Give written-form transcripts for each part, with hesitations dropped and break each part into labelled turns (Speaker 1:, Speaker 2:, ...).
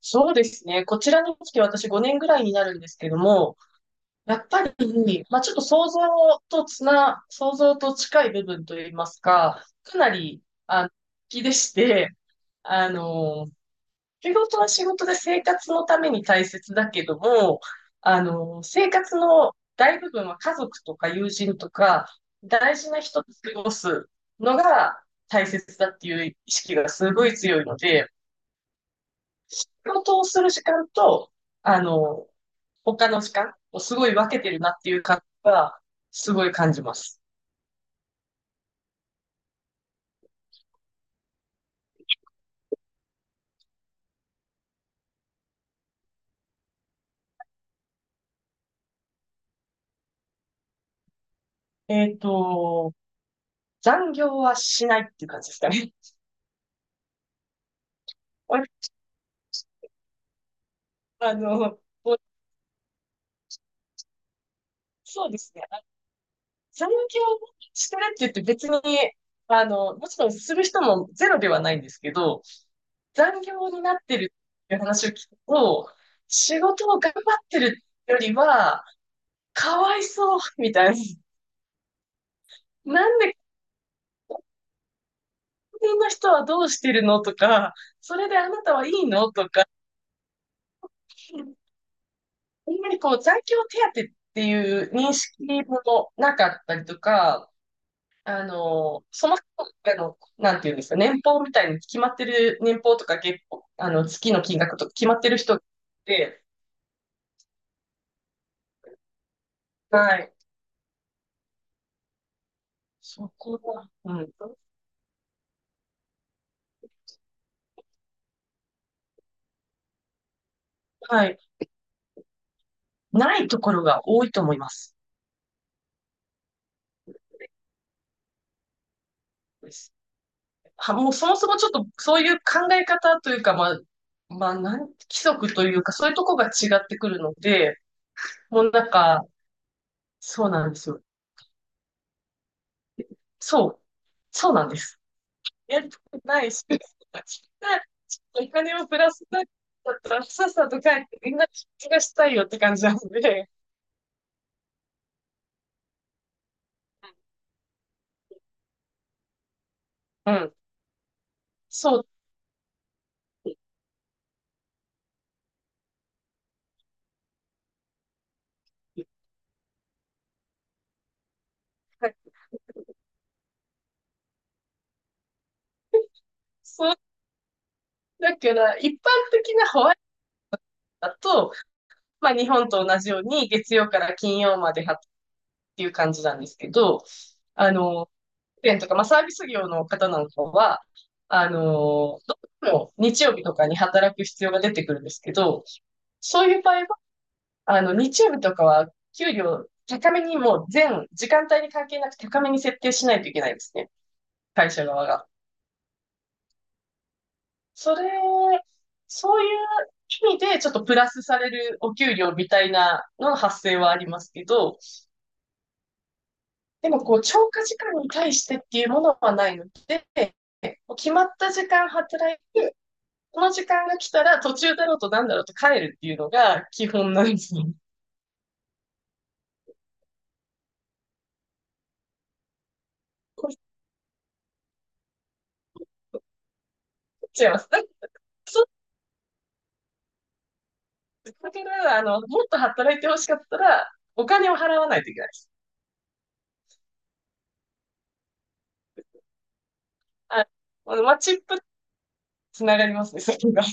Speaker 1: そうですね。こちらに来て私5年ぐらいになるんですけども、やっぱり、ちょっと想像と近い部分といいますか、かなり、あの、気でして、あの、仕事は仕事で生活のために大切だけども、生活の大部分は家族とか友人とか、大事な人と過ごすのが大切だっていう意識がすごい強いので、仕事をする時間と、あの、他の時間をすごい分けてるなっていう感じは、すごい感じます。えっと、残業はしないっていう感じですかね。あの、もうそうですね。あ残業してるって言って別に、もちろんする人もゼロではないんですけど、残業になってるっていう話を聞くと、仕事を頑張ってるよりは、かわいそう、みたいな。なんで辺の人はどうしてるのとか、それであなたはいいのとか、あんまりこう、残業手当っていう認識もなかったりとか、その人の、なんていうんですか、年俸みたいに決まってる、年俸とか月俸、月の金額とか決まってる人って、はい。そこは、うん。はい。ないところが多いと思います。す。は、もうそもそもちょっとそういう考え方というか、規則というか、そういうとこが違ってくるので、もうなんか、そうなんですよ。そう、そうなんです。やりたくないし、お金をプラスだったら、さっさと帰って、みんな気がしたいよって感じなので、うん、そう。はいそう、だから、一般的なホワイトだと、まあ、日本と同じように、月曜から金曜までっていう感じなんですけど、保育園とか、まあ、サービス業の方なんかは、どうしても日曜日とかに働く必要が出てくるんですけど、そういう場合は、日曜日とかは給料高めにもう全時間帯に関係なく高めに設定しないといけないですね。会社側が。それ、そういう意味でちょっとプラスされるお給料みたいなのの発生はありますけど、でも、こう、超過時間に対してっていうものはないので、もう決まった時間働い、この時間が来たら途中だろうとなんだろうと帰るっていうのが基本なんですよ。違います。だから、もっと働いてほしかったら、お金を払わないといけないです。あ、マッチップつながりますね、それが。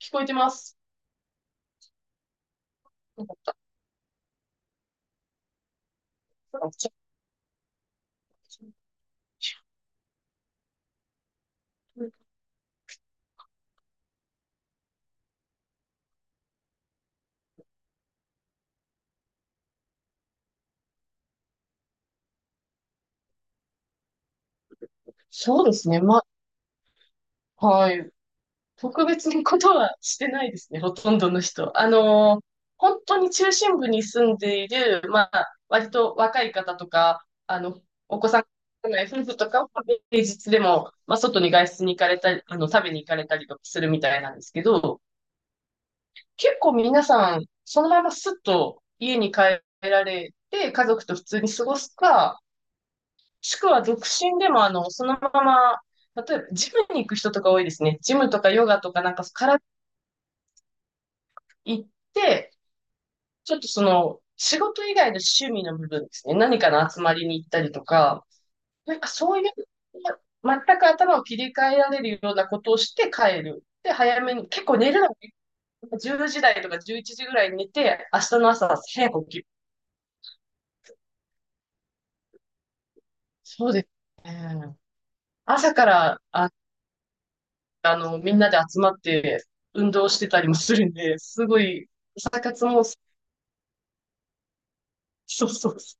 Speaker 1: 聞こえてます。そうですね。ま、はい。特別なことはしてないですね、ほとんどの人。本当に中心部に住んでいる、まあ、割と若い方とか、お子さんがいない夫婦とかは平日でも、まあ、外に外出に行かれたり、食べに行かれたりとかするみたいなんですけど、結構皆さん、そのまますっと家に帰られて、家族と普通に過ごすか、もしくは独身でも、そのまま、例えば、ジムに行く人とか多いですね。ジムとかヨガとか、なんか体行って、ちょっとその、仕事以外の趣味の部分ですね。何かの集まりに行ったりとか、なんかそういう、ま全く頭を切り替えられるようなことをして帰る。で、早めに、結構寝るのも10時台とか11時ぐらいに寝て、明日の朝早く起きる。そうですね。朝から、あ、みんなで集まって運動してたりもするんで、すごい、朝活も、そうそうそ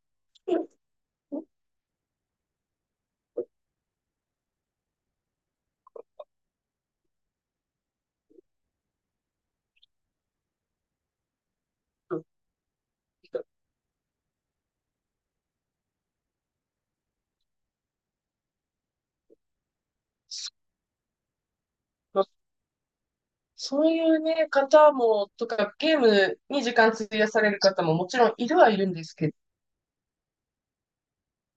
Speaker 1: う。そういうね、方も、とか、ゲームに時間費やされる方ももちろんいるはいるんですけど、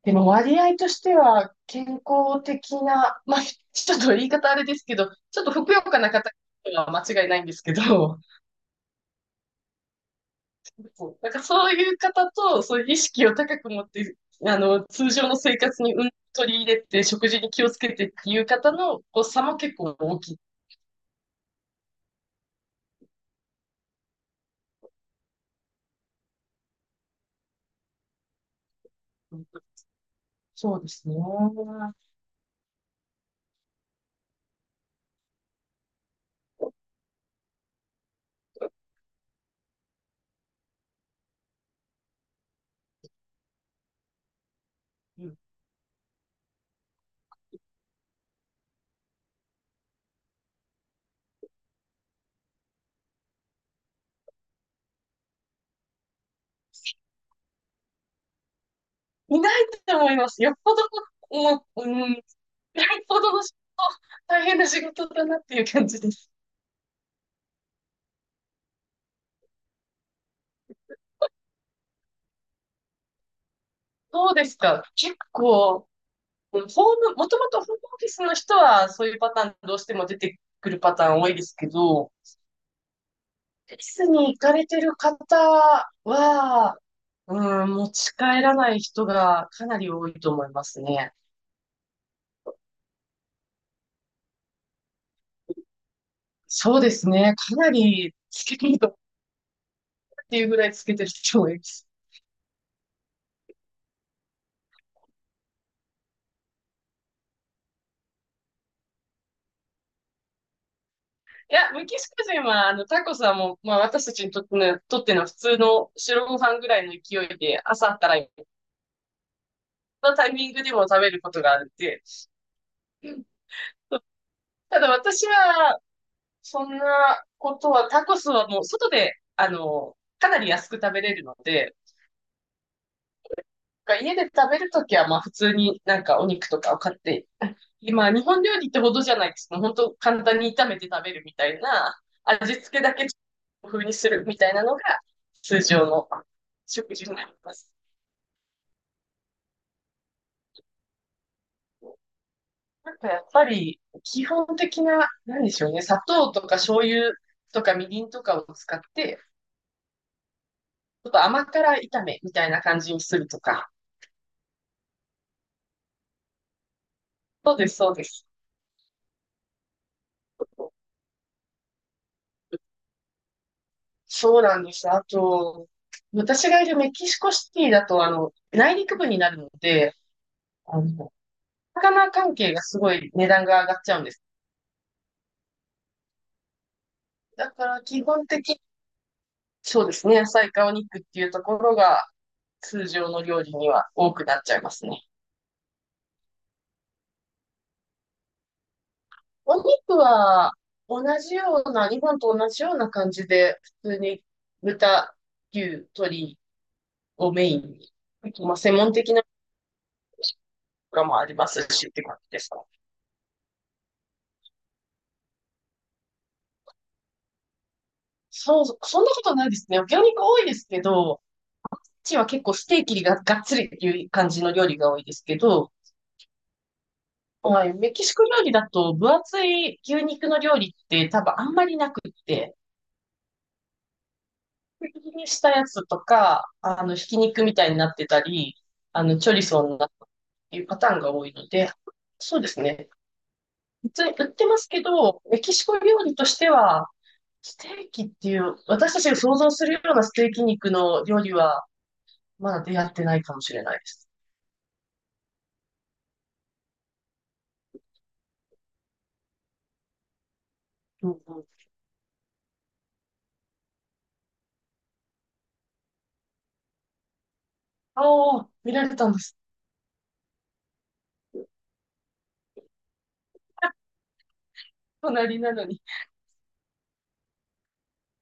Speaker 1: でも割合としては健康的な、まあ、ちょっと言い方あれですけど、ちょっとふくよかな方は間違いないんですけど、なんかそういう方と、そういう意識を高く持って、通常の生活にうん取り入れて、食事に気をつけてっていう方のこう差も結構大きい。そうですね。うんいないと思います。よっぽど、もう、うん、よっぽどの仕事、大変な仕事だなっていう感じです。そうですか。結構、うんホーム、もともとホームオフィスの人はそういうパターンどうしても出てくるパターン多いですけど、オフィスに行かれてる方は、うん、持ち帰らない人がかなり多いと思いますね。そうですね。かなりつけてるとっていうぐらいつけてる人もいます。いや、メキシコ人は、タコスはもう、まあ、私たちにとっての、とっての普通の白ご飯ぐらいの勢いで、朝からのタイミングでも食べることがあるんで、ただ私は、そんなことは、タコスはもう、外で、かなり安く食べれるので、家で食べるときは、まあ、普通になんかお肉とかを買って今、日本料理ってほどじゃないです。もう本当簡単に炒めて食べるみたいな、味付けだけ風にするみたいなのが通常の食事になります。なんかやっぱり基本的な、なんでしょうね、砂糖とか醤油とかみりんとかを使って、ちょっと甘辛炒めみたいな感じにするとか。そうです、そうです。そうなんです。あと、私がいるメキシコシティだと、内陸部になるので、あの、魚関係がすごい値段が上がっちゃうんです。だから基本的に、そうですね、野菜かお肉っていうところが通常の料理には多くなっちゃいますね。お肉は同じような、日本と同じような感じで、普通に豚、牛、鶏をメインに、まあ、専門的なのとかもありますしって感じですか。そうそう、そんなことないですね。魚肉多いですけど、うちは結構ステーキががっつりっていう感じの料理が多いですけど、はい、メキシコ料理だと分厚い牛肉の料理って多分あんまりなくって、薄切りにしたやつとか、ひき肉みたいになってたり、チョリソーになったっていうパターンが多いので、そうですね。普通に売ってますけど、メキシコ料理としては、ステーキっていう、私たちが想像するようなステーキ肉の料理は、まだ出会ってないかもしれないです。うんうん、ああ、見られたんです。隣なのに。